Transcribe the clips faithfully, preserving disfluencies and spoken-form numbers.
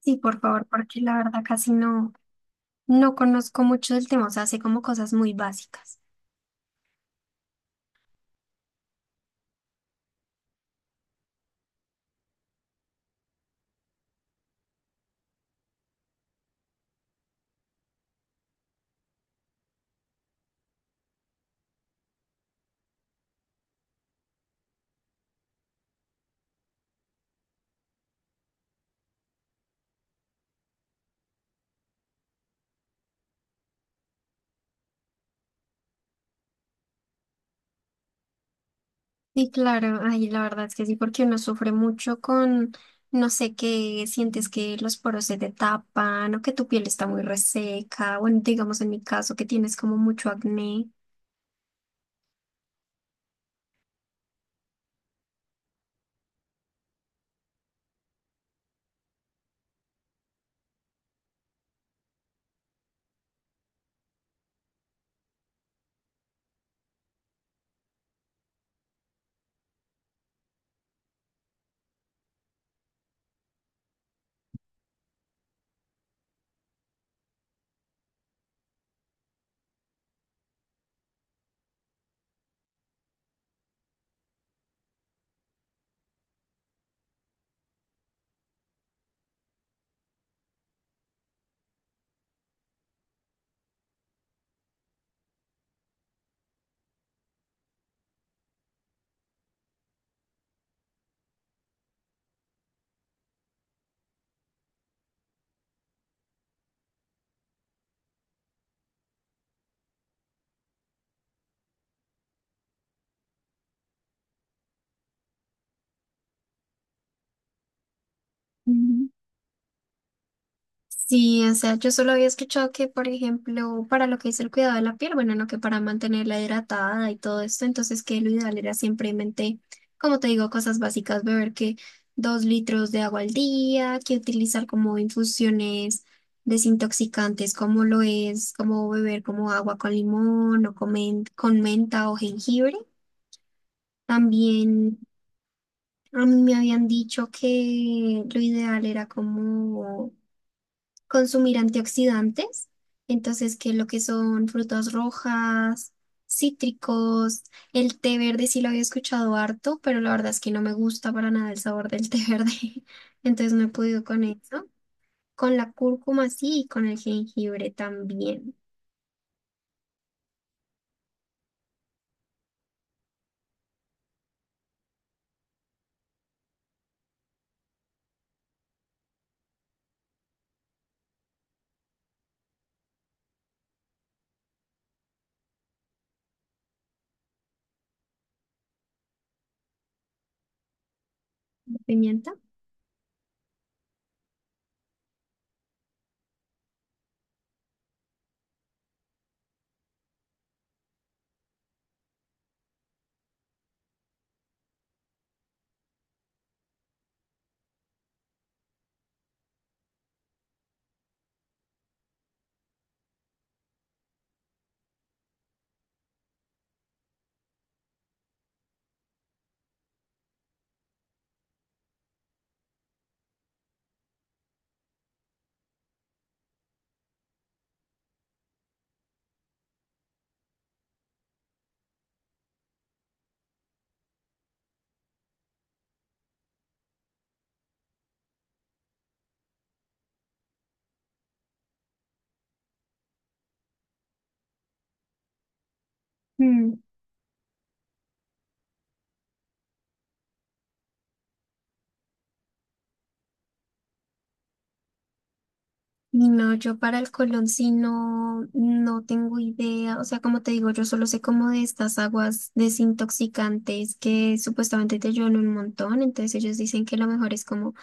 Sí, por favor, porque la verdad casi no, no conozco mucho del tema, o sea, sé como cosas muy básicas. Sí, claro, ay, la verdad es que sí, porque uno sufre mucho con, no sé, que sientes que los poros se te tapan o que tu piel está muy reseca, bueno, digamos en mi caso que tienes como mucho acné. Sí, o sea, yo solo había escuchado que, por ejemplo, para lo que es el cuidado de la piel, bueno, no que para mantenerla hidratada y todo esto, entonces que lo ideal era simplemente, como te digo, cosas básicas, beber que dos litros de agua al día, que utilizar como infusiones desintoxicantes, como lo es, como beber como agua con limón o con, men- con menta o jengibre. También a mí me habían dicho que lo ideal era como consumir antioxidantes, entonces que lo que son frutas rojas, cítricos, el té verde sí lo había escuchado harto, pero la verdad es que no me gusta para nada el sabor del té verde, entonces no he podido con eso. Con la cúrcuma sí y con el jengibre también. ¿Pimienta? Y no, yo para el Colón sí no, no tengo idea. O sea, como te digo, yo solo sé como de estas aguas desintoxicantes que supuestamente te ayudan un montón. Entonces ellos dicen que lo mejor es como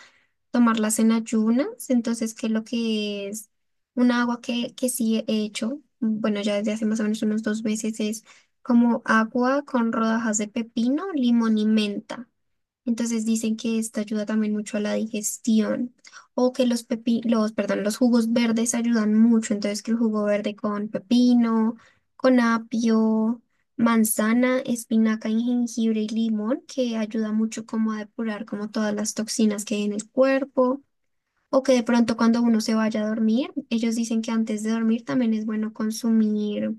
tomarlas en ayunas. Entonces, que lo que es una agua que, que sí he hecho, bueno, ya desde hace más o menos unos dos meses, es como agua con rodajas de pepino, limón y menta. Entonces dicen que esta ayuda también mucho a la digestión o que los pepi- los, perdón, los jugos verdes ayudan mucho, entonces que el jugo verde con pepino, con apio, manzana, espinaca y jengibre y limón, que ayuda mucho como a depurar como todas las toxinas que hay en el cuerpo o que de pronto cuando uno se vaya a dormir, ellos dicen que antes de dormir también es bueno consumir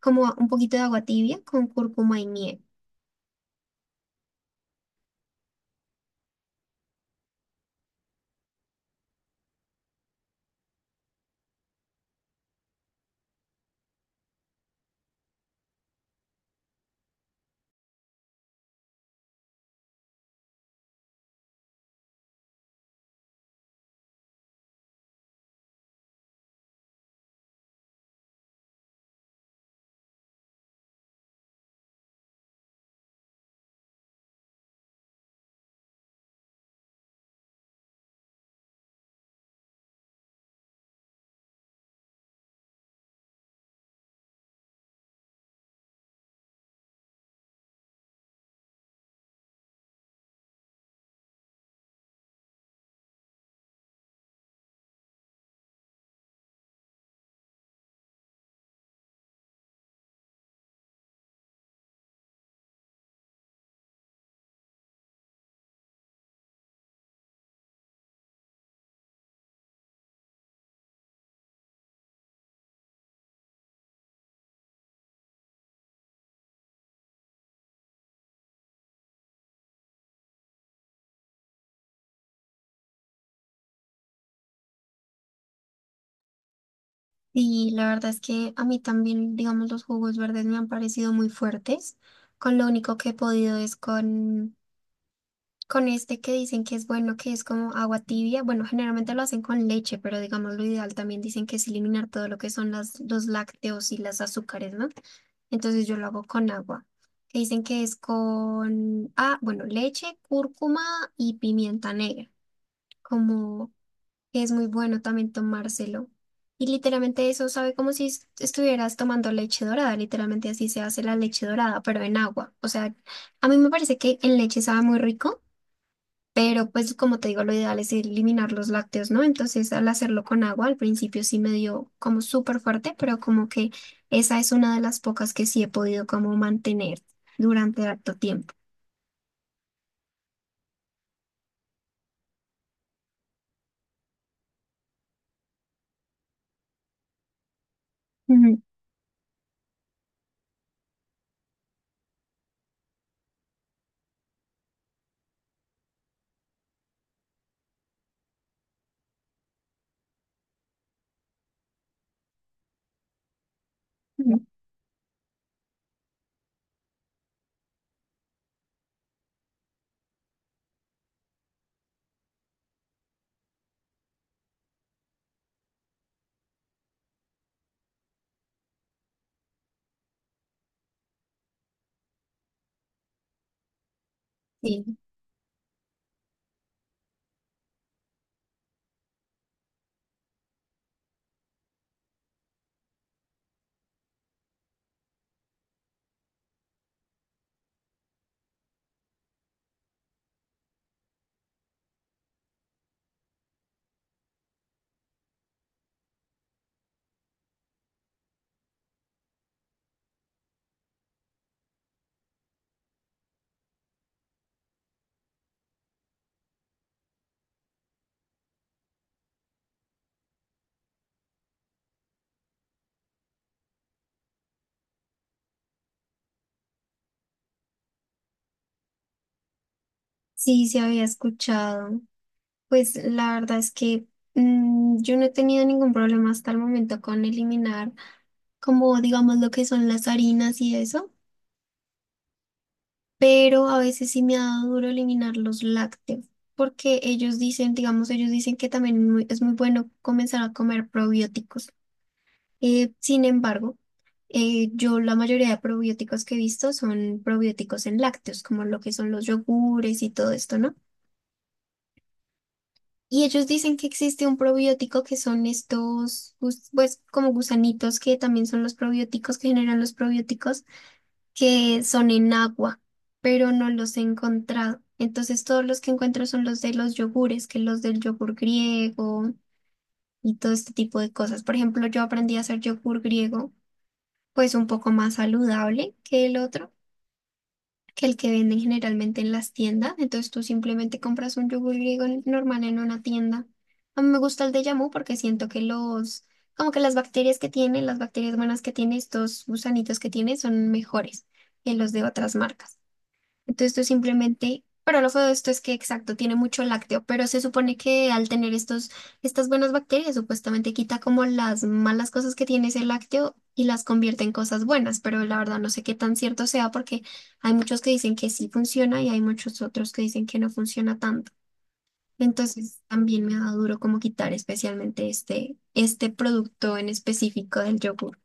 como un poquito de agua tibia con cúrcuma y miel. Y la verdad es que a mí también, digamos, los jugos verdes me han parecido muy fuertes. Con lo único que he podido es con, con este que dicen que es bueno, que es como agua tibia. Bueno, generalmente lo hacen con leche, pero digamos, lo ideal también dicen que es eliminar todo lo que son las, los lácteos y las azúcares, ¿no? Entonces yo lo hago con agua. Que dicen que es con, ah, bueno, leche, cúrcuma y pimienta negra. Como que es muy bueno también tomárselo. Y literalmente eso sabe como si est- estuvieras tomando leche dorada, literalmente así se hace la leche dorada, pero en agua. O sea, a mí me parece que en leche sabe muy rico, pero pues como te digo, lo ideal es eliminar los lácteos, ¿no? Entonces al hacerlo con agua, al principio sí me dio como súper fuerte, pero como que esa es una de las pocas que sí he podido como mantener durante harto tiempo. Ujú, ujú. Sí, sí, se había escuchado. Pues la verdad es que mm, yo no he tenido ningún problema hasta el momento con eliminar como digamos lo que son las harinas y eso, pero a veces sí me ha dado duro eliminar los lácteos, porque ellos dicen, digamos, ellos dicen que también muy- es muy bueno comenzar a comer probióticos. Eh, sin embargo, eh, yo la mayoría de probióticos que he visto son probióticos en lácteos, como lo que son los yogures y todo esto, ¿no? Y ellos dicen que existe un probiótico que son estos, gus- pues como gusanitos que también son los probióticos que generan los probióticos, que son en agua, pero no los he encontrado. Entonces todos los que encuentro son los de los yogures, que los del yogur griego y todo este tipo de cosas. Por ejemplo, yo aprendí a hacer yogur griego, pues un poco más saludable que el otro que el que venden generalmente en las tiendas. Entonces tú simplemente compras un yogur griego en- normal en una tienda. A mí me gusta el de Yamu porque siento que los, como que las bacterias que tiene, las bacterias buenas que tiene, estos gusanitos que tiene, son mejores que los de otras marcas. Entonces tú simplemente, pero lo feo de esto es que, exacto, tiene mucho lácteo, pero se supone que al tener estos, estas buenas bacterias, supuestamente quita como las malas cosas que tiene ese lácteo y las convierte en cosas buenas, pero la verdad no sé qué tan cierto sea porque hay muchos que dicen que sí funciona y hay muchos otros que dicen que no funciona tanto. Entonces también me ha dado duro como quitar especialmente este, este producto en específico del yogur.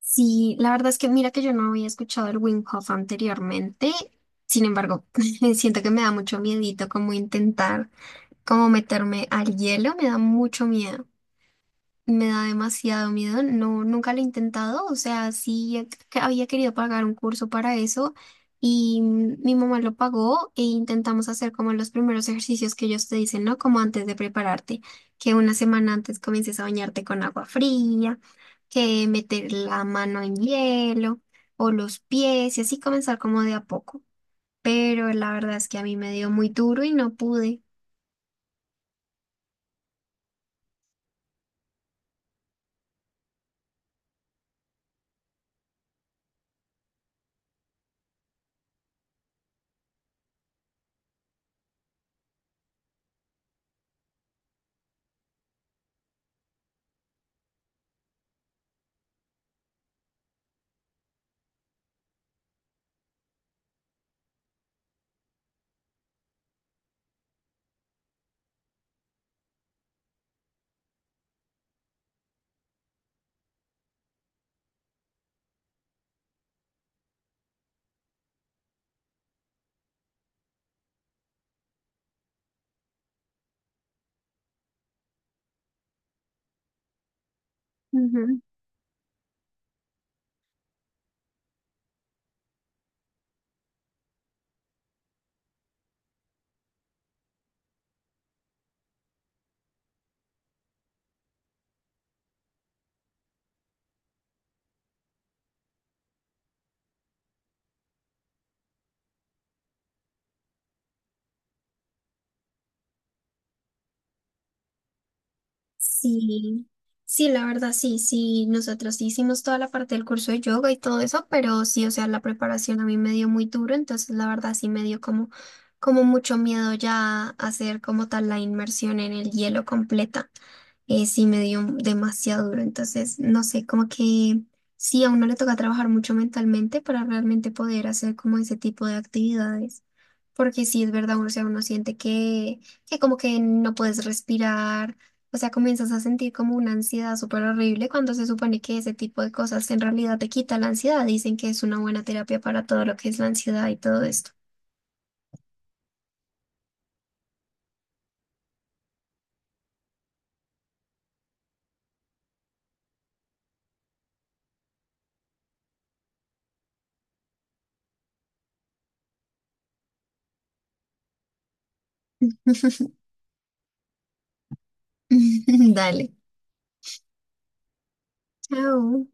Sí, la verdad es que mira que yo no había escuchado el Wim Hof anteriormente, sin embargo, siento que me da mucho miedito como intentar como meterme al hielo, me da mucho miedo. Me da demasiado miedo, no, nunca lo he intentado, o sea, sí eh, que había querido pagar un curso para eso y mm, mi mamá lo pagó e intentamos hacer como los primeros ejercicios que ellos te dicen, ¿no? Como antes de prepararte, que una semana antes comiences a bañarte con agua fría, que meter la mano en hielo o los pies y así comenzar como de a poco, pero la verdad es que a mí me dio muy duro y no pude. Sí, sí, la verdad sí, sí, nosotros sí hicimos toda la parte del curso de yoga y todo eso, pero sí, o sea, la preparación a mí me dio muy duro, entonces la verdad sí me dio como, como mucho miedo ya hacer como tal la inmersión en el hielo completa, eh, sí me dio demasiado duro, entonces no sé, como que sí, a uno le toca trabajar mucho mentalmente para realmente poder hacer como ese tipo de actividades, porque sí es verdad, uno, o sea, uno siente que, que como que no puedes respirar, o sea, comienzas a sentir como una ansiedad súper horrible cuando se supone que ese tipo de cosas en realidad te quita la ansiedad. Dicen que es una buena terapia para todo lo que es la ansiedad y todo esto. Dale. Chao.